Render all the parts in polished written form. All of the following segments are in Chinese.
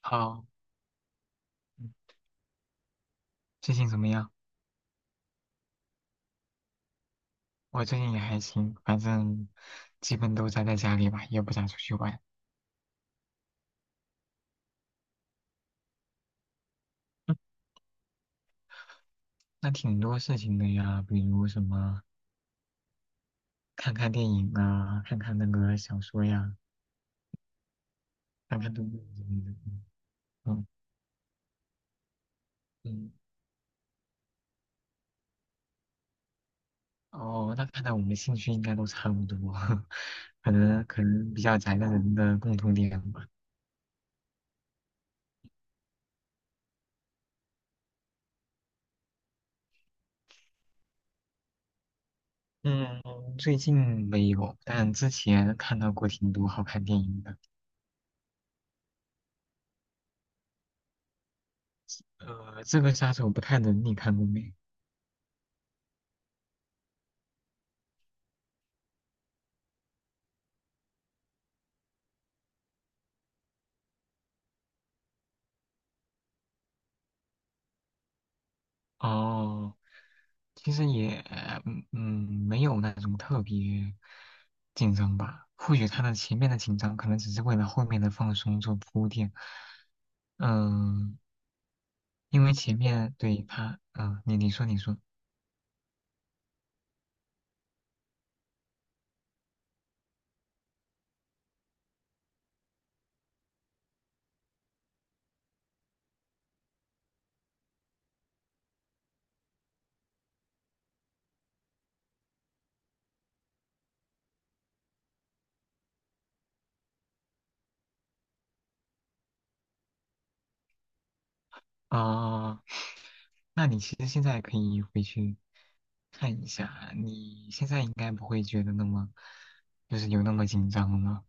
好，嗯最近怎么样？我最近也还行，反正基本都宅在家里吧，也不咋出去玩。嗯那挺多事情的呀，比如什么看看电影啊，看看那个小说呀，看看动漫之类的。嗯嗯，哦，那看来我们兴趣应该都差不多，可能比较宅的人的共同点吧。嗯，最近没有，但之前看到过挺多好看电影的。这个杀手不太冷，你看过没？哦，其实也，嗯,没有那种特别紧张吧。或许他的前面的紧张，可能只是为了后面的放松做铺垫。嗯，因为前面对他，嗯，你说你说，啊，那你其实现在可以回去看一下，你现在应该不会觉得那么，就是有那么紧张了。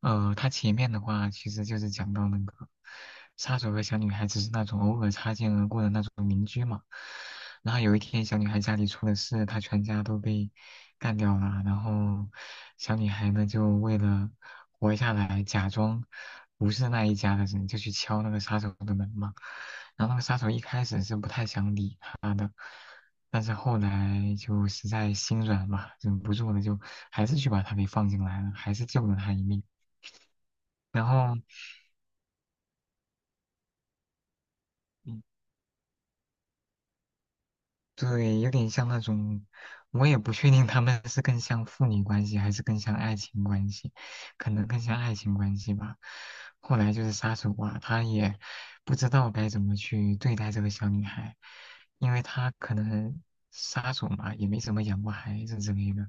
它前面的话其实就是讲到那个杀手和小女孩只是那种偶尔擦肩而过的那种邻居嘛。然后有一天小女孩家里出了事，她全家都被干掉了，然后小女孩呢就为了活下来，假装不是那一家的人，就去敲那个杀手的门嘛。然后那个杀手一开始是不太想理他的，但是后来就实在心软嘛，忍不住了，就还是去把他给放进来了，还是救了他一命。然后，对，有点像那种，我也不确定他们是更像父女关系还是更像爱情关系，可能更像爱情关系吧。后来就是杀手啊，他也不知道该怎么去对待这个小女孩，因为他可能杀手嘛，也没怎么养过孩子之类的，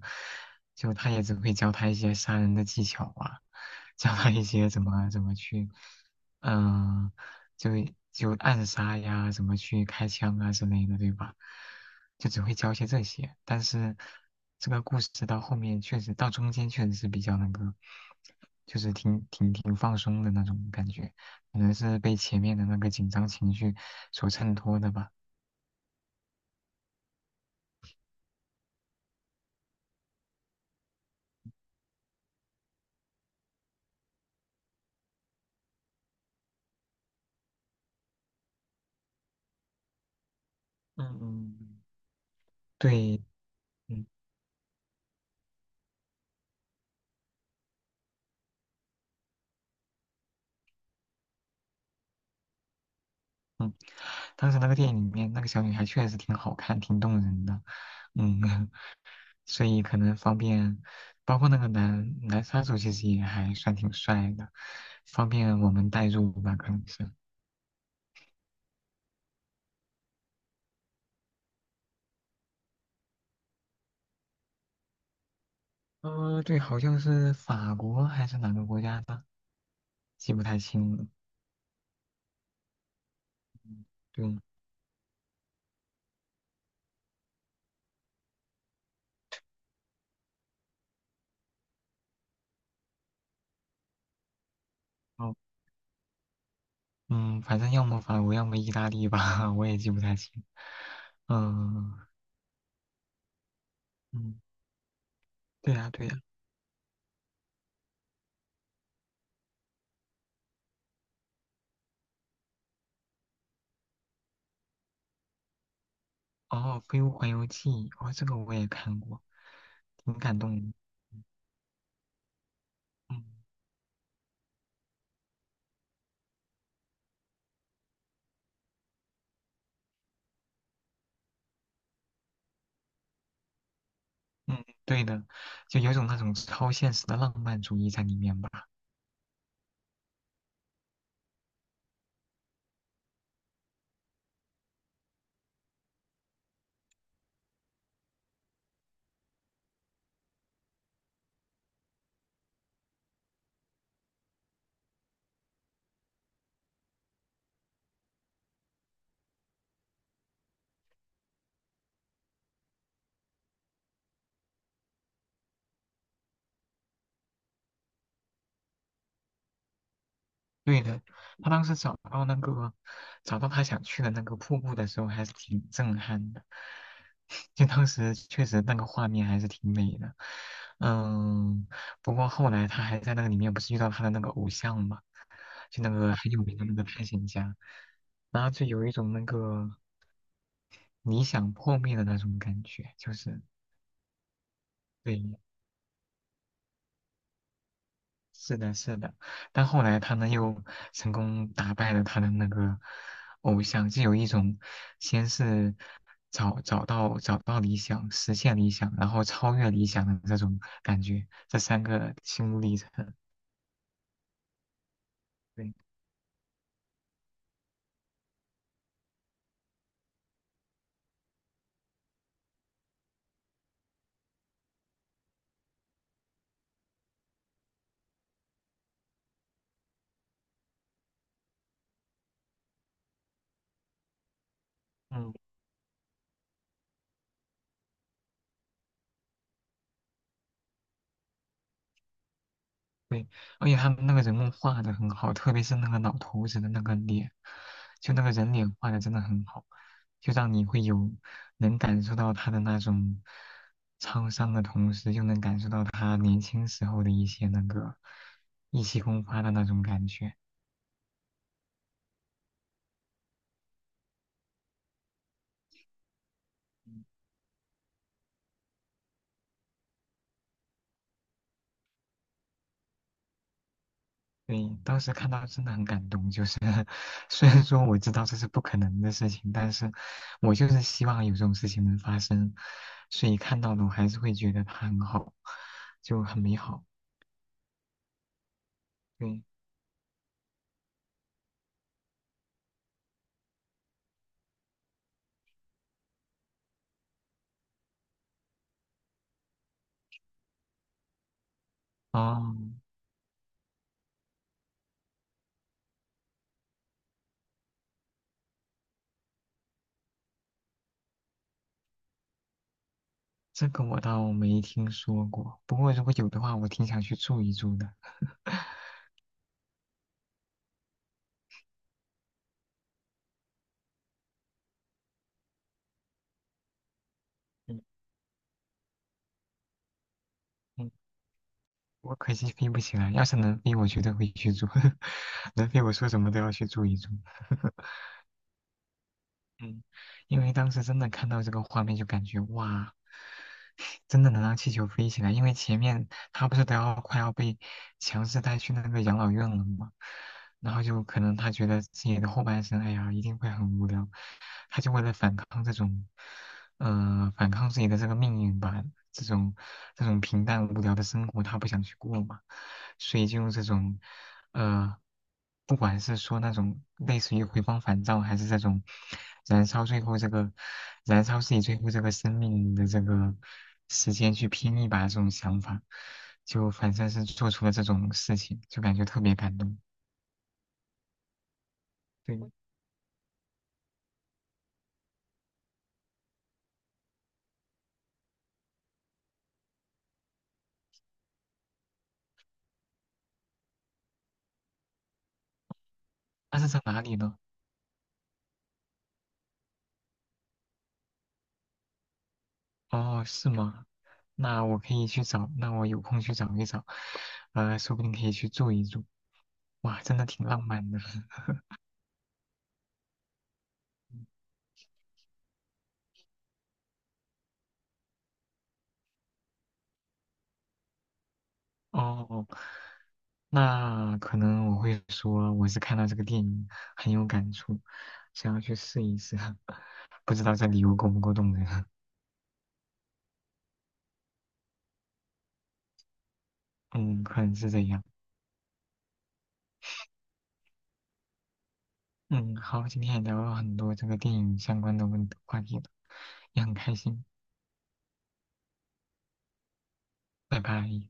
就他也只会教她一些杀人的技巧啊，教她一些怎么去，嗯、就就暗杀呀，怎么去开枪啊之类的，对吧？就只会教一些这些，但是这个故事到后面确实到中间确实是比较那个，就是挺放松的那种感觉，可能是被前面的那个紧张情绪所衬托的吧。嗯嗯，对，嗯嗯，当时那个电影里面那个小女孩确实挺好看，挺动人的，嗯，所以可能方便，包括那个男杀手其实也还算挺帅的，方便我们代入吧，可能是。对，好像是法国还是哪个国家的，记不太清了。对，哦，嗯，反正要么法国，要么意大利吧，我也记不太清。嗯嗯，对呀对呀，哦，《飞屋环游记》，哦，这个我也看过，挺感动人的。嗯嗯，嗯对的，就有种那种超现实的浪漫主义在里面吧。对的，他当时找到那个找到他想去的那个瀑布的时候，还是挺震撼的。就当时确实那个画面还是挺美的，嗯，不过后来他还在那个里面不是遇到他的那个偶像嘛，就那个很有名的那个探险家，然后就有一种那个理想破灭的那种感觉，就是对，是的，是的，但后来他呢又成功打败了他的那个偶像，就有一种先是找到理想，实现理想，然后超越理想的这种感觉，这三个心路历程。对，嗯。而且他们那个人物画的很好，特别是那个老头子的那个脸，就那个人脸画的真的很好，就让你会有能感受到他的那种沧桑的同时，又能感受到他年轻时候的一些那个意气风发的那种感觉。对，当时看到真的很感动，就是 虽然说我知道这是不可能的事情，但是我就是希望有这种事情能发生，所以看到的我还是会觉得他很好，就很美好。对。哦，这个我倒没听说过，不过如果有的话，我挺想去住一住的。嗯嗯，我可惜飞不起来，要是能飞，我绝对会去住。能飞，我说什么都要去住一住。嗯，因为当时真的看到这个画面，就感觉哇，真的能让气球飞起来。因为前面他不是都要快要被强制带去那个养老院了吗？然后就可能他觉得自己的后半生，哎呀，一定会很无聊，他就为了反抗这种，反抗自己的这个命运吧，这种这种平淡无聊的生活，他不想去过嘛，所以就用这种，呃，不管是说那种类似于回光返照，还是这种燃烧最后这个燃烧自己最后这个生命的这个时间去拼一把这种想法，就反正是做出了这种事情，就感觉特别感动。对。那是在哪里呢？哦，是吗？那我可以去找，那我有空去找一找，说不定可以去住一住。哇，真的挺浪漫的。哦，那可能我会说我是看到这个电影很有感触，想要去试一试，不知道这礼物够不够动人。嗯，可能是这样。嗯，好，今天也聊了很多这个电影相关的问话题了，也很开心。拜拜。